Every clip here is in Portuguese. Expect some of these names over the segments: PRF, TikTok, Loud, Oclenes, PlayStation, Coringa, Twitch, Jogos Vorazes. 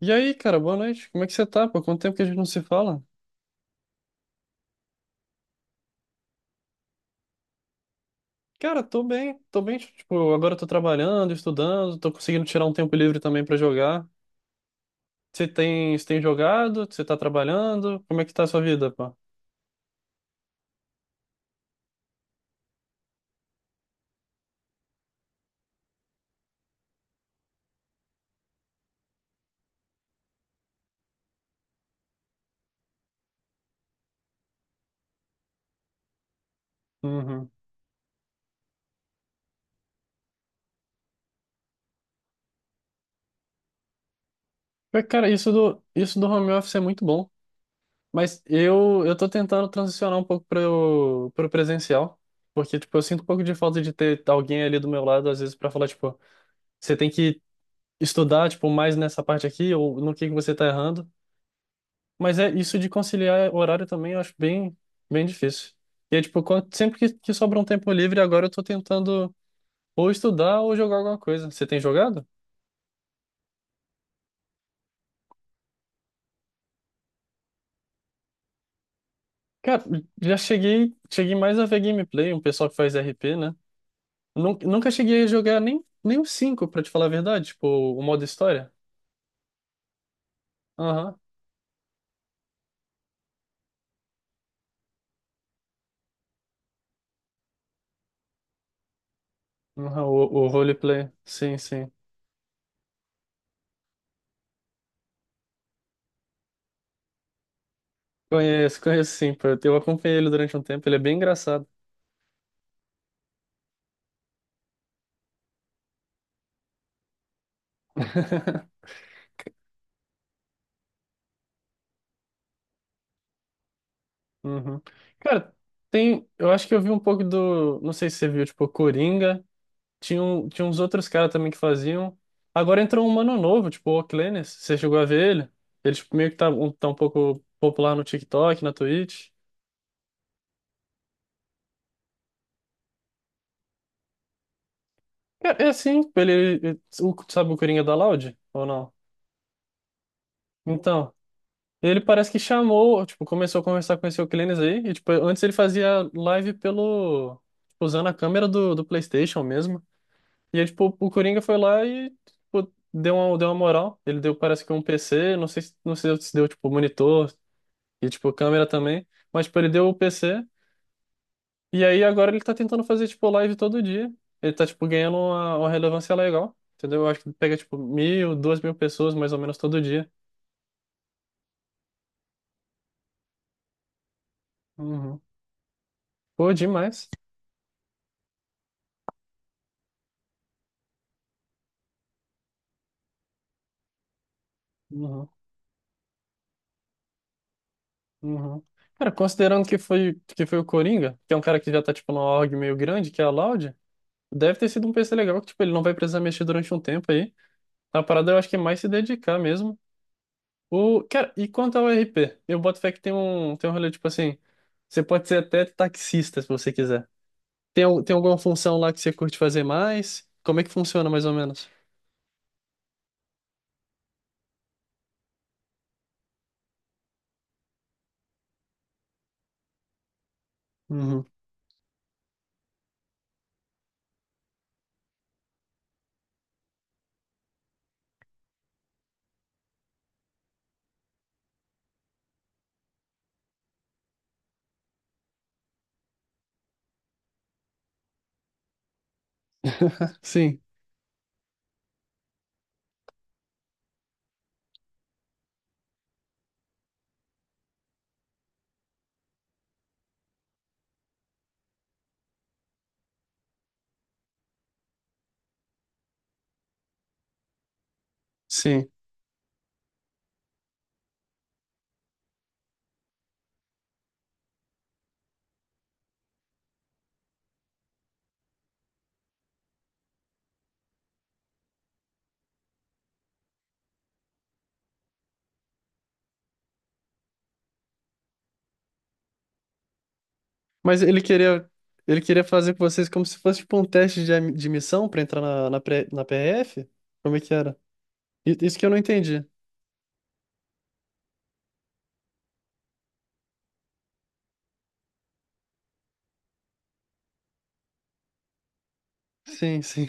E aí, cara, boa noite. Como é que você tá? Pô, quanto tempo que a gente não se fala? Cara, tô bem, tipo, agora eu tô trabalhando, estudando, tô conseguindo tirar um tempo livre também pra jogar. Você tem jogado? Você tá trabalhando? Como é que tá a sua vida, pô? Uhum. Mas, cara, isso do home office é muito bom, mas eu tô tentando transicionar um pouco para o presencial, porque, tipo, eu sinto um pouco de falta de ter alguém ali do meu lado, às vezes, para falar, tipo, você tem que estudar, tipo, mais nessa parte aqui, ou no que você tá errando. Mas é isso de conciliar horário também, eu acho bem, bem difícil. E é tipo, sempre que sobra um tempo livre, agora eu tô tentando ou estudar ou jogar alguma coisa. Você tem jogado? Cara, já cheguei, cheguei mais a ver gameplay, um pessoal que faz RP, né? Nunca cheguei a jogar nem o 5 pra te falar a verdade, tipo, o modo história. Aham, aham, o roleplay, sim, sim. Conheço, conheço sim, pô. Eu acompanhei ele durante um tempo, ele é bem engraçado. Uhum. Cara, tem. Eu acho que eu vi um pouco do. Não sei se você viu, tipo, Coringa. Tinha, tinha uns outros caras também que faziam. Agora entrou um mano novo, tipo, o Oclenes. Você chegou a ver ele? Ele, tipo, meio que tá um pouco popular no TikTok, na Twitch. Cara, é assim, tipo, ele. Sabe o Coringa da Loud? Ou não? Então, ele parece que chamou, tipo, começou a conversar com esse Oclenes aí. E, tipo, antes ele fazia live pelo. Tipo, usando a câmera do PlayStation mesmo. E aí, tipo, o Coringa foi lá e tipo, deu uma moral. Ele deu, parece que um PC, não sei, não sei se deu, tipo, monitor e, tipo, câmera também. Mas, tipo, ele deu o PC. E aí, agora ele tá tentando fazer, tipo, live todo dia. Ele tá, tipo, ganhando uma relevância legal. Entendeu? Eu acho que pega, tipo, 1.000, 2.000 pessoas, mais ou menos, todo dia. Uhum, pô, demais. Uhum, uhum. Cara, considerando que foi o Coringa, que é um cara que já tá, tipo, numa org meio grande, que é a Loud, deve ter sido um PC legal, que, tipo, ele não vai precisar mexer durante um tempo aí. A parada eu acho que é mais se dedicar mesmo. O, cara, e quanto ao RP? Eu boto fé que tem um rolê tipo assim. Você pode ser até taxista se você quiser. Tem, tem alguma função lá que você curte fazer mais? Como é que funciona mais ou menos? Uhum. Sim, sim. Mas ele queria fazer com vocês como se fosse tipo um teste de, de missão pra entrar na, na, na PRF? Como é que era? Isso que eu não entendi. Sim, sim.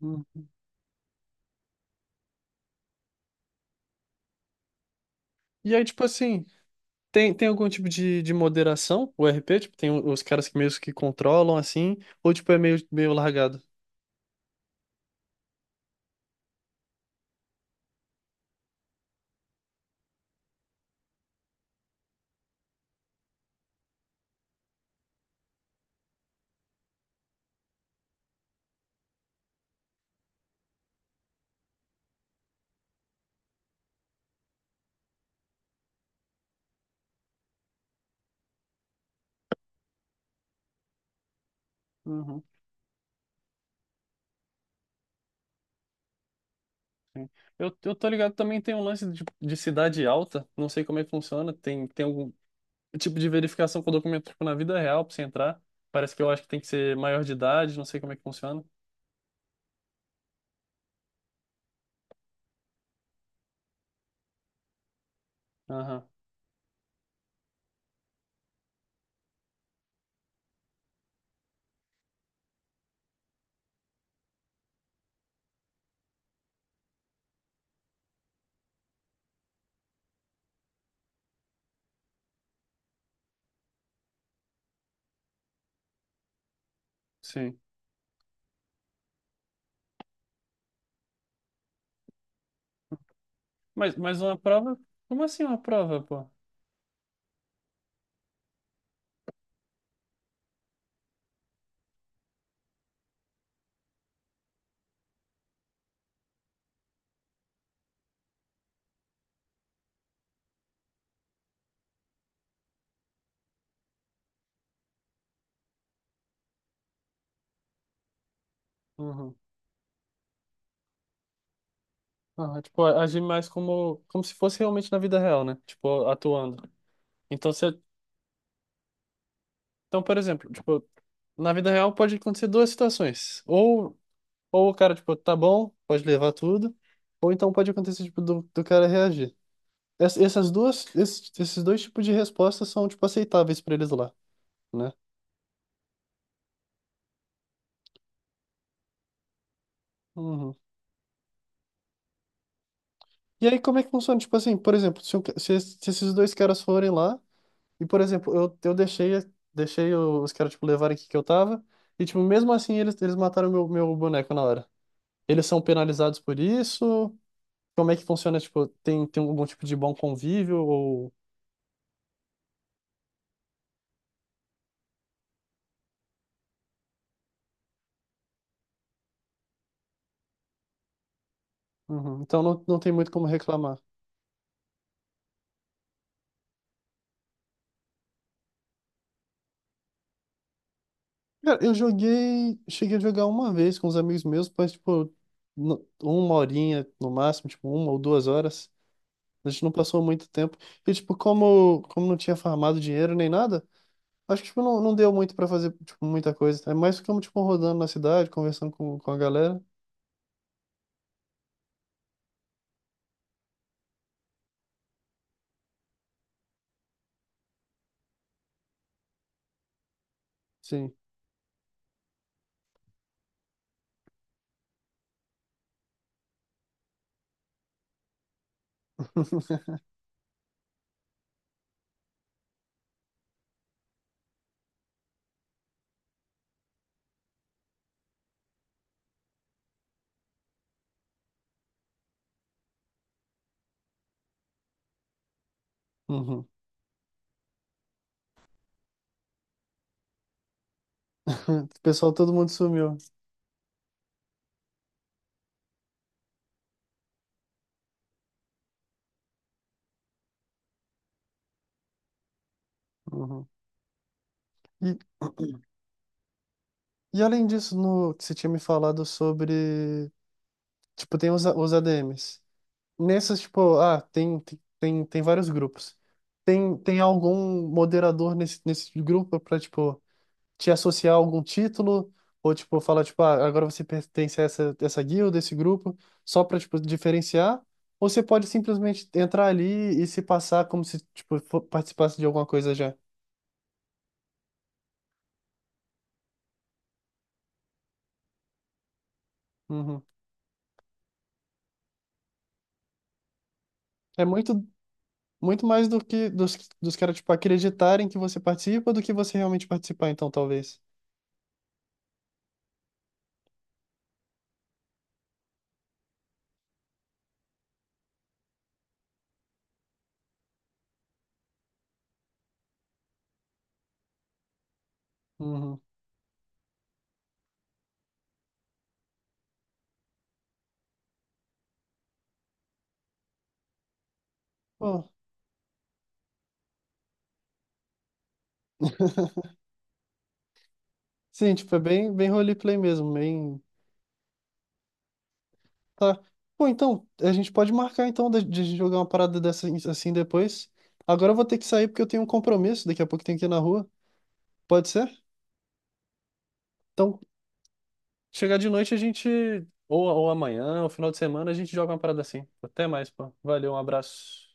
Hum. E aí, tipo assim. Tem, tem algum tipo de moderação, o RP? Tipo, tem os caras que meio que controlam assim, ou tipo é meio, meio largado? Uhum, sim. Eu tô ligado, também tem um lance de cidade alta, não sei como é que funciona, tem, tem algum tipo de verificação com o documento tipo, na vida real pra você entrar. Parece que eu acho que tem que ser maior de idade, não sei como é que funciona. Aham, sim. Mas uma prova? Como assim uma prova, pô? Uhum. Aham, tipo, agir mais como, como se fosse realmente na vida real, né? Tipo, atuando. Então, você. Então, por exemplo, tipo, na vida real pode acontecer duas situações. Ou o cara, tipo, tá bom, pode levar tudo, ou então pode acontecer, tipo, do, do cara reagir. Essas duas, esses, esses dois tipos de respostas são, tipo, aceitáveis pra eles lá, né? Uhum. E aí, como é que funciona? Tipo assim, por exemplo, se, se, se esses dois caras forem lá, e, por exemplo, eu deixei, deixei os caras, tipo, levarem o que que eu tava, e, tipo, mesmo assim, eles mataram meu, meu boneco na hora. Eles são penalizados por isso? Como é que funciona? Tipo, tem, tem algum tipo de bom convívio ou... Uhum. Então não, não tem muito como reclamar. Cara, eu joguei... Cheguei a jogar uma vez com os amigos meus, mas, tipo, uma horinha no máximo, tipo, 1 ou 2 horas. A gente não passou muito tempo. E, tipo, como, como não tinha farmado dinheiro nem nada, acho que, tipo, não, não deu muito pra fazer, tipo, muita coisa. É mais ficamos, tipo, rodando na cidade, conversando com a galera. Sim. Uhum. O pessoal, todo mundo sumiu. Uhum. E... E além disso, no que você tinha me falado sobre, tipo, tem os ADMs. Nessas, tipo, ah, tem, tem, tem vários grupos. Tem, tem algum moderador nesse, nesse grupo pra, tipo, te associar a algum título? Ou, tipo, falar, tipo, ah, agora você pertence a essa, essa guilda, esse grupo, só pra, tipo, diferenciar? Ou você pode simplesmente entrar ali e se passar como se, tipo, participasse de alguma coisa já? Uhum. É muito. Muito mais do que dos, dos caras, tipo, acreditarem que você participa do que você realmente participar, então, talvez. Uhum. Pô, sim, tipo, é bem, bem roleplay mesmo, bem... Tá. Pô, então, a gente pode marcar, então, de jogar uma parada dessa assim depois. Agora eu vou ter que sair porque eu tenho um compromisso, daqui a pouco tenho que ir na rua. Pode ser? Então, chegar de noite a gente. Ou amanhã, ou final de semana, a gente joga uma parada assim. Até mais, pô. Valeu, um abraço.